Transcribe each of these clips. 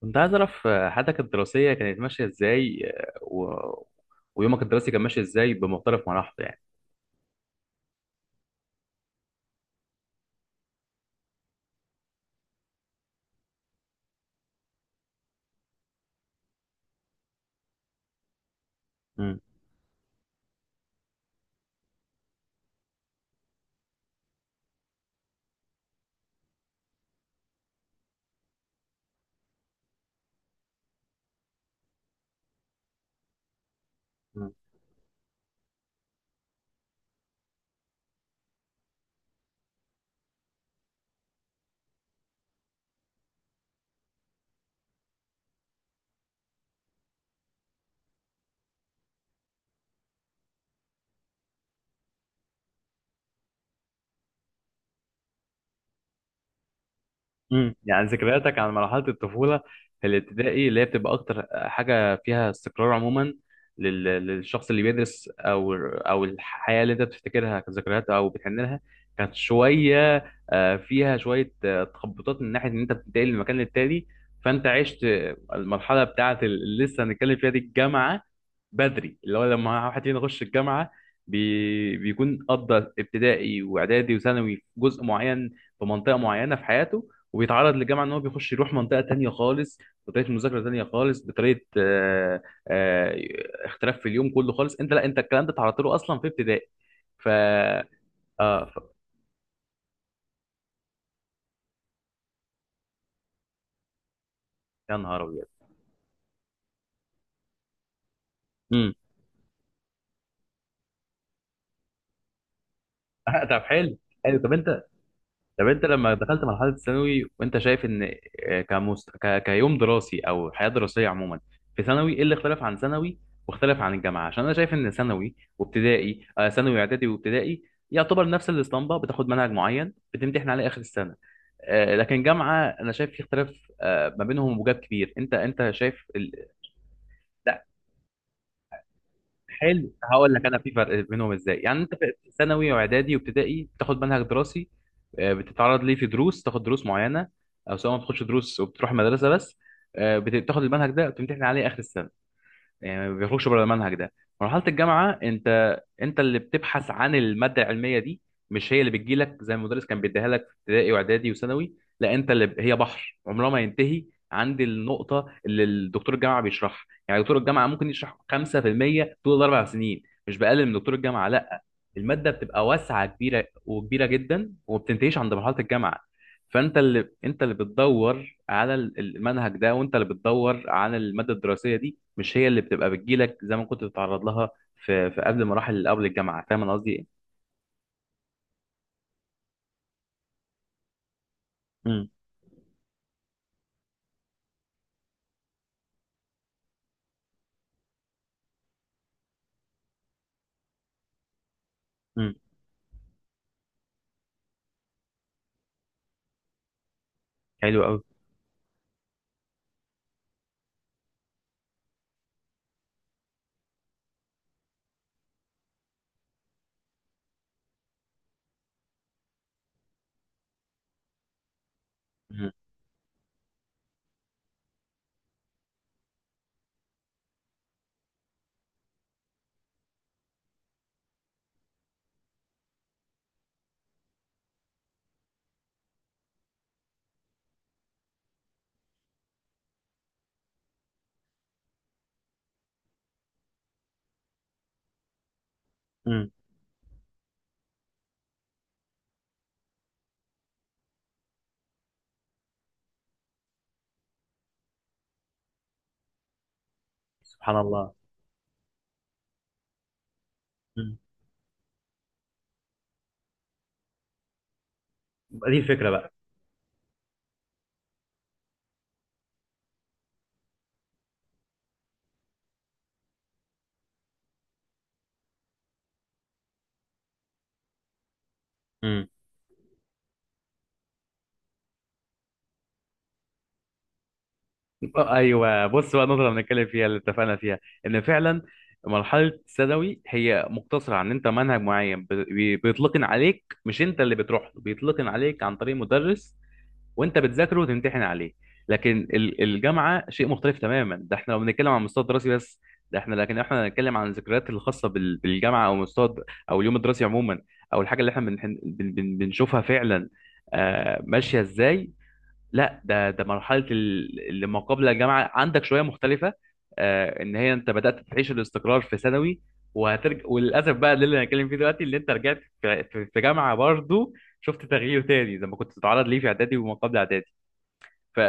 كنت عايز أعرف حياتك الدراسية كانت ماشية إزاي، ويومك الدراسي كان ماشي إزاي بمختلف مراحله يعني. مم. يعني ذكرياتك عن مرحلة الطفولة في الابتدائي اللي هي بتبقى أكتر حاجة فيها استقرار عموما للشخص اللي بيدرس أو الحياة اللي أنت بتفتكرها كذكريات أو بتحن لها، كانت شوية فيها شوية تخبطات من ناحية إن أنت بتنتقل من مكان للتاني. فأنت عشت المرحلة بتاعة اللي لسه هنتكلم فيها دي، الجامعة، بدري. اللي هو لما واحد فينا يخش الجامعة، بي بيكون قضى ابتدائي وإعدادي وثانوي في جزء معين، في منطقة معينة في حياته، وبيتعرض للجامعه ان هو بيخش يروح منطقه تانية خالص، بطريقه مذاكره تانية خالص، بطريقه آه، اختلاف في اليوم كله خالص. انت لا انت الكلام ده اتعرضت له اصلا في ابتدائي. ف اه ف... يا نهار ابيض. امم طب حلو. حلو. طب انت لما دخلت مرحله الثانوي وانت شايف ان كيوم دراسي او حياه دراسيه عموما في ثانوي، ايه اللي اختلف عن ثانوي واختلف عن الجامعه؟ عشان انا شايف ان ثانوي وابتدائي ثانوي اعدادي وابتدائي يعتبر نفس الاسطمبه، بتاخد منهج معين بتمتحن عليه اخر السنه. لكن جامعه انا شايف في اختلاف ما بينهم وجاب كبير. انت شايف لا. حلو هقول لك انا في فرق بينهم ازاي. يعني انت في ثانوي واعدادي وابتدائي بتاخد منهج دراسي، بتتعرض ليه في دروس، تاخد دروس معينه او سواء ما بتاخدش دروس وبتروح مدرسه بس، بتاخد المنهج ده وتمتحن عليه اخر السنه، يعني ما بيخرجش بره المنهج ده. مرحله الجامعه انت اللي بتبحث عن الماده العلميه دي، مش هي اللي بتجيلك زي المدرس كان بيديها لك في ابتدائي واعدادي وثانوي. لا انت اللي هي بحر عمرها ما ينتهي عند النقطه اللي الدكتور الجامعه بيشرحها. يعني دكتور الجامعه ممكن يشرح 5% طول الاربع سنين، مش بقلل من دكتور الجامعه لا، الماده بتبقى واسعه، كبيره وكبيره جدا، وما بتنتهيش عند مرحله الجامعه. فانت اللي بتدور على المنهج ده، وانت اللي بتدور على الماده الدراسيه دي، مش هي اللي بتبقى بتجيلك زي ما كنت بتتعرض لها في قبل مراحل اللي قبل الجامعه. فاهم انا قصدي ايه؟ امم. امم. حلو قوي. امم. امم. سبحان الله. امم. دي الفكره بقى. امم. ايوه بص بقى، النقطه اللي بنتكلم فيها اللي اتفقنا فيها، ان فعلا مرحله الثانوي هي مقتصره عن انت منهج معين بيتلقن عليك، مش انت اللي بتروح له، بيتلقن عليك عن طريق مدرس وانت بتذاكره وتمتحن عليه. لكن الجامعه شيء مختلف تماما. ده احنا لو بنتكلم عن مستوى دراسي بس. ده احنا لكن احنا هنتكلم عن الذكريات الخاصه بالجامعه او او اليوم الدراسي عموما، او الحاجه اللي احنا بنشوفها فعلا ماشيه ازاي. لا ده مرحله اللي ما قبل الجامعه عندك شويه مختلفه، ان هي انت بدات تعيش الاستقرار في ثانوي، وهترجع وللاسف بقى ده اللي هنتكلم فيه دلوقتي، اللي انت رجعت في في جامعه برضو شفت تغيير تاني زي ما كنت تتعرض ليه في اعدادي وما قبل اعدادي. ف...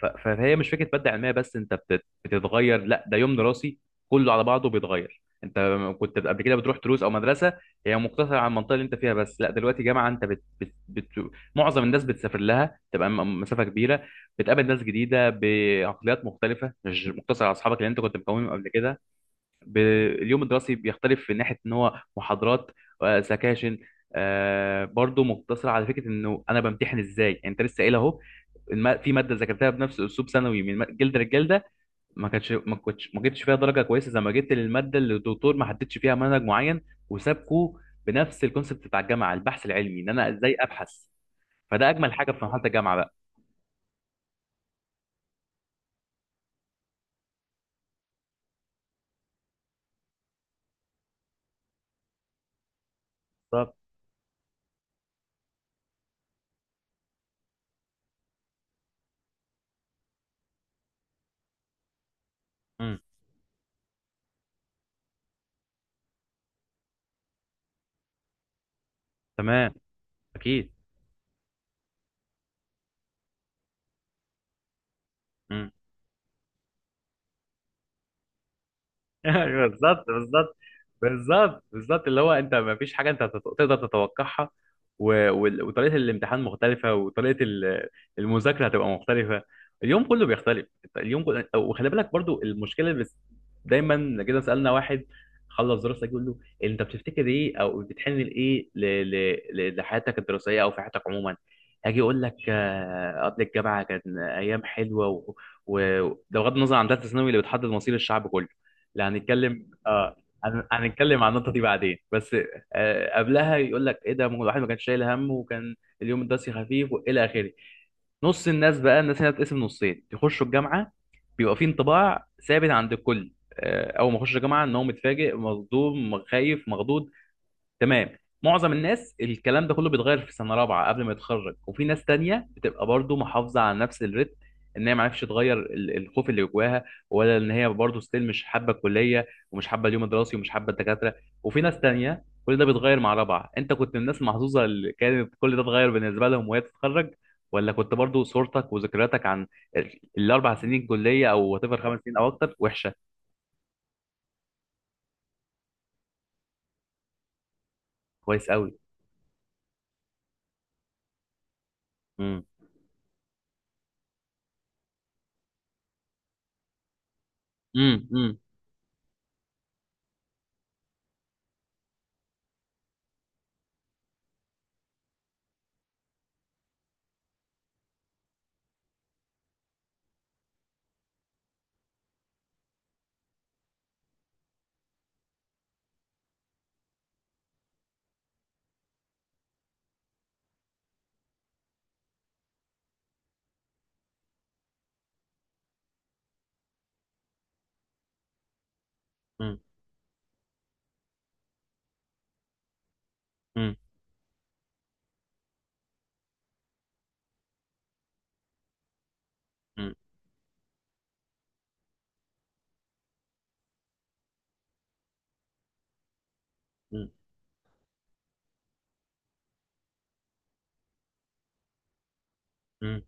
فهي مش فكره ماده علميه بس انت بتتغير، لا ده يوم دراسي كله على بعضه بيتغير. انت كنت قبل كده بتروح دروس او مدرسه هي مقتصره على المنطقه اللي انت فيها بس، لا دلوقتي جامعه انت معظم الناس بتسافر لها تبقى مسافه كبيره، بتقابل ناس جديده بعقليات مختلفه، مش مقتصر على اصحابك اللي انت كنت مكونهم قبل كده. ب... اليوم الدراسي بيختلف في ناحيه ان هو محاضرات، سكاشن، برضو مقتصر على فكره انه انا بمتحن ازاي. يعني انت لسه قايل اهو، في ماده ذاكرتها بنفس اسلوب ثانوي من جلد للجلده، ما كانتش ما كنتش ما جبتش فيها درجه كويسه زي ما جبت للماده اللي الدكتور ما حددش فيها منهج معين وسابكوا بنفس الكونسبت بتاع الجامعه، البحث العلمي، ان انا ازاي ابحث. فده اجمل حاجه في مرحله الجامعه بقى. بالظبط. مم. تمام. اكيد. مم. بالظبط بالظبط. بالظبط بالظبط اللي هو انت ما فيش حاجه انت تقدر تتوقعها، وطريقه الامتحان مختلفه، وطريقه المذاكره هتبقى مختلفه، اليوم كله بيختلف. انت اليوم كله وخلي بالك برضو، المشكله بس دايما كده، سالنا واحد خلص دراسه يقول له انت بتفتكر ايه او بتحن لايه لحياتك الدراسيه او في حياتك عموما، هاجي اقول لك قبل الجامعه كان ايام حلوه ده بغض النظر عن ثالثه ثانوي اللي بتحدد مصير الشعب كله، لا هنتكلم اه، هنتكلم عن النقطة دي بعدين بس. قبلها يقول لك ايه؟ ده ما هو الواحد ما كانش شايل هم، وكان اليوم الدراسي خفيف والى اخره. نص الناس بقى، الناس هنا بتتقسم نصين يخشوا الجامعة، بيبقى في انطباع ثابت عند الكل اول ما يخش الجامعة ان هو متفاجئ مصدوم خايف مخضوض، تمام. معظم الناس الكلام ده كله بيتغير في سنه رابعه قبل ما يتخرج، وفي ناس تانية بتبقى برضو محافظه على نفس الريتم، ان هي ما عرفتش تغير الخوف اللي جواها، ولا ان هي برضو ستيل مش حابه الكليه ومش حابه اليوم الدراسي ومش حابه الدكاتره. وفي ناس تانية كل ده بيتغير مع رابعه. انت كنت من الناس المحظوظه اللي كانت كل ده اتغير بالنسبه لهم وهي تتخرج؟ ولا كنت برضو صورتك وذكرياتك عن الاربع سنين كليه او وات ايفر خمس سنين او اكتر وحشه؟ كويس قوي. امم. امم. امم. امم. امم. امم.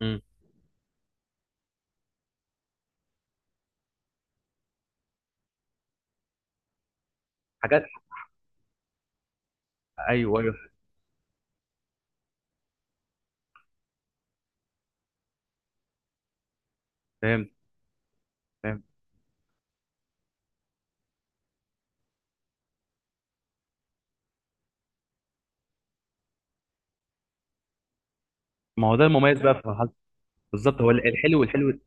مم. حاجات. ايوه ايوه. فهمت. فهمت. ما هو ده المميز بقى في مرحله. بالظبط، هو الحلو والحلو.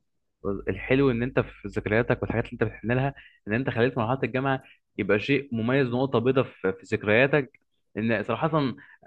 الحلو ان انت في ذكرياتك والحاجات اللي انت بتحن لها، ان انت خليت مرحله الجامعه يبقى شيء مميز، نقطه بيضاء في في ذكرياتك ان صراحه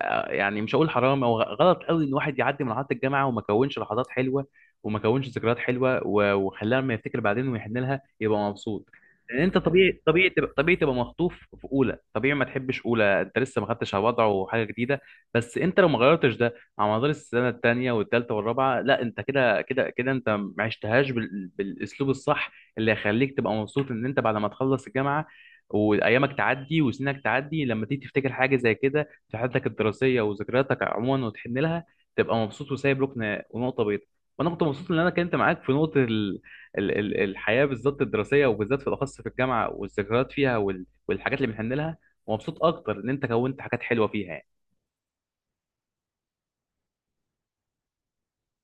يعني مش هقول حرام او غلط قوي ان الواحد يعدي مرحله الجامعه وما كونش لحظات حلوه وما كونش ذكريات حلوه وخلاها لما يفتكر بعدين ويحن لها يبقى مبسوط. لان انت طبيعي، طبيعي تبقى، طبيعي تبقى مخطوف في اولى، طبيعي ما تحبش اولى، انت لسه ما خدتش على وضعه وحاجه جديده. بس انت لو ما غيرتش ده على مدار السنه الثانيه والثالثه والرابعه، لا انت كده كده كده انت ما عشتهاش بالاسلوب الصح اللي هيخليك تبقى مبسوط ان انت بعد ما تخلص الجامعه وايامك تعدي وسنك تعدي، لما تيجي تفتكر حاجه زي كده في حياتك الدراسيه وذكرياتك عموما وتحن لها تبقى مبسوط وسايب ركن ونقطه بيضاء. وانا كنت مبسوط ان انا كنت معاك في نقطه الحياه بالذات الدراسيه، وبالذات في الاخص في الجامعه والذكريات فيها والحاجات اللي بنحن لها، ومبسوط اكتر ان انت كونت حاجات حلوه فيها يعني.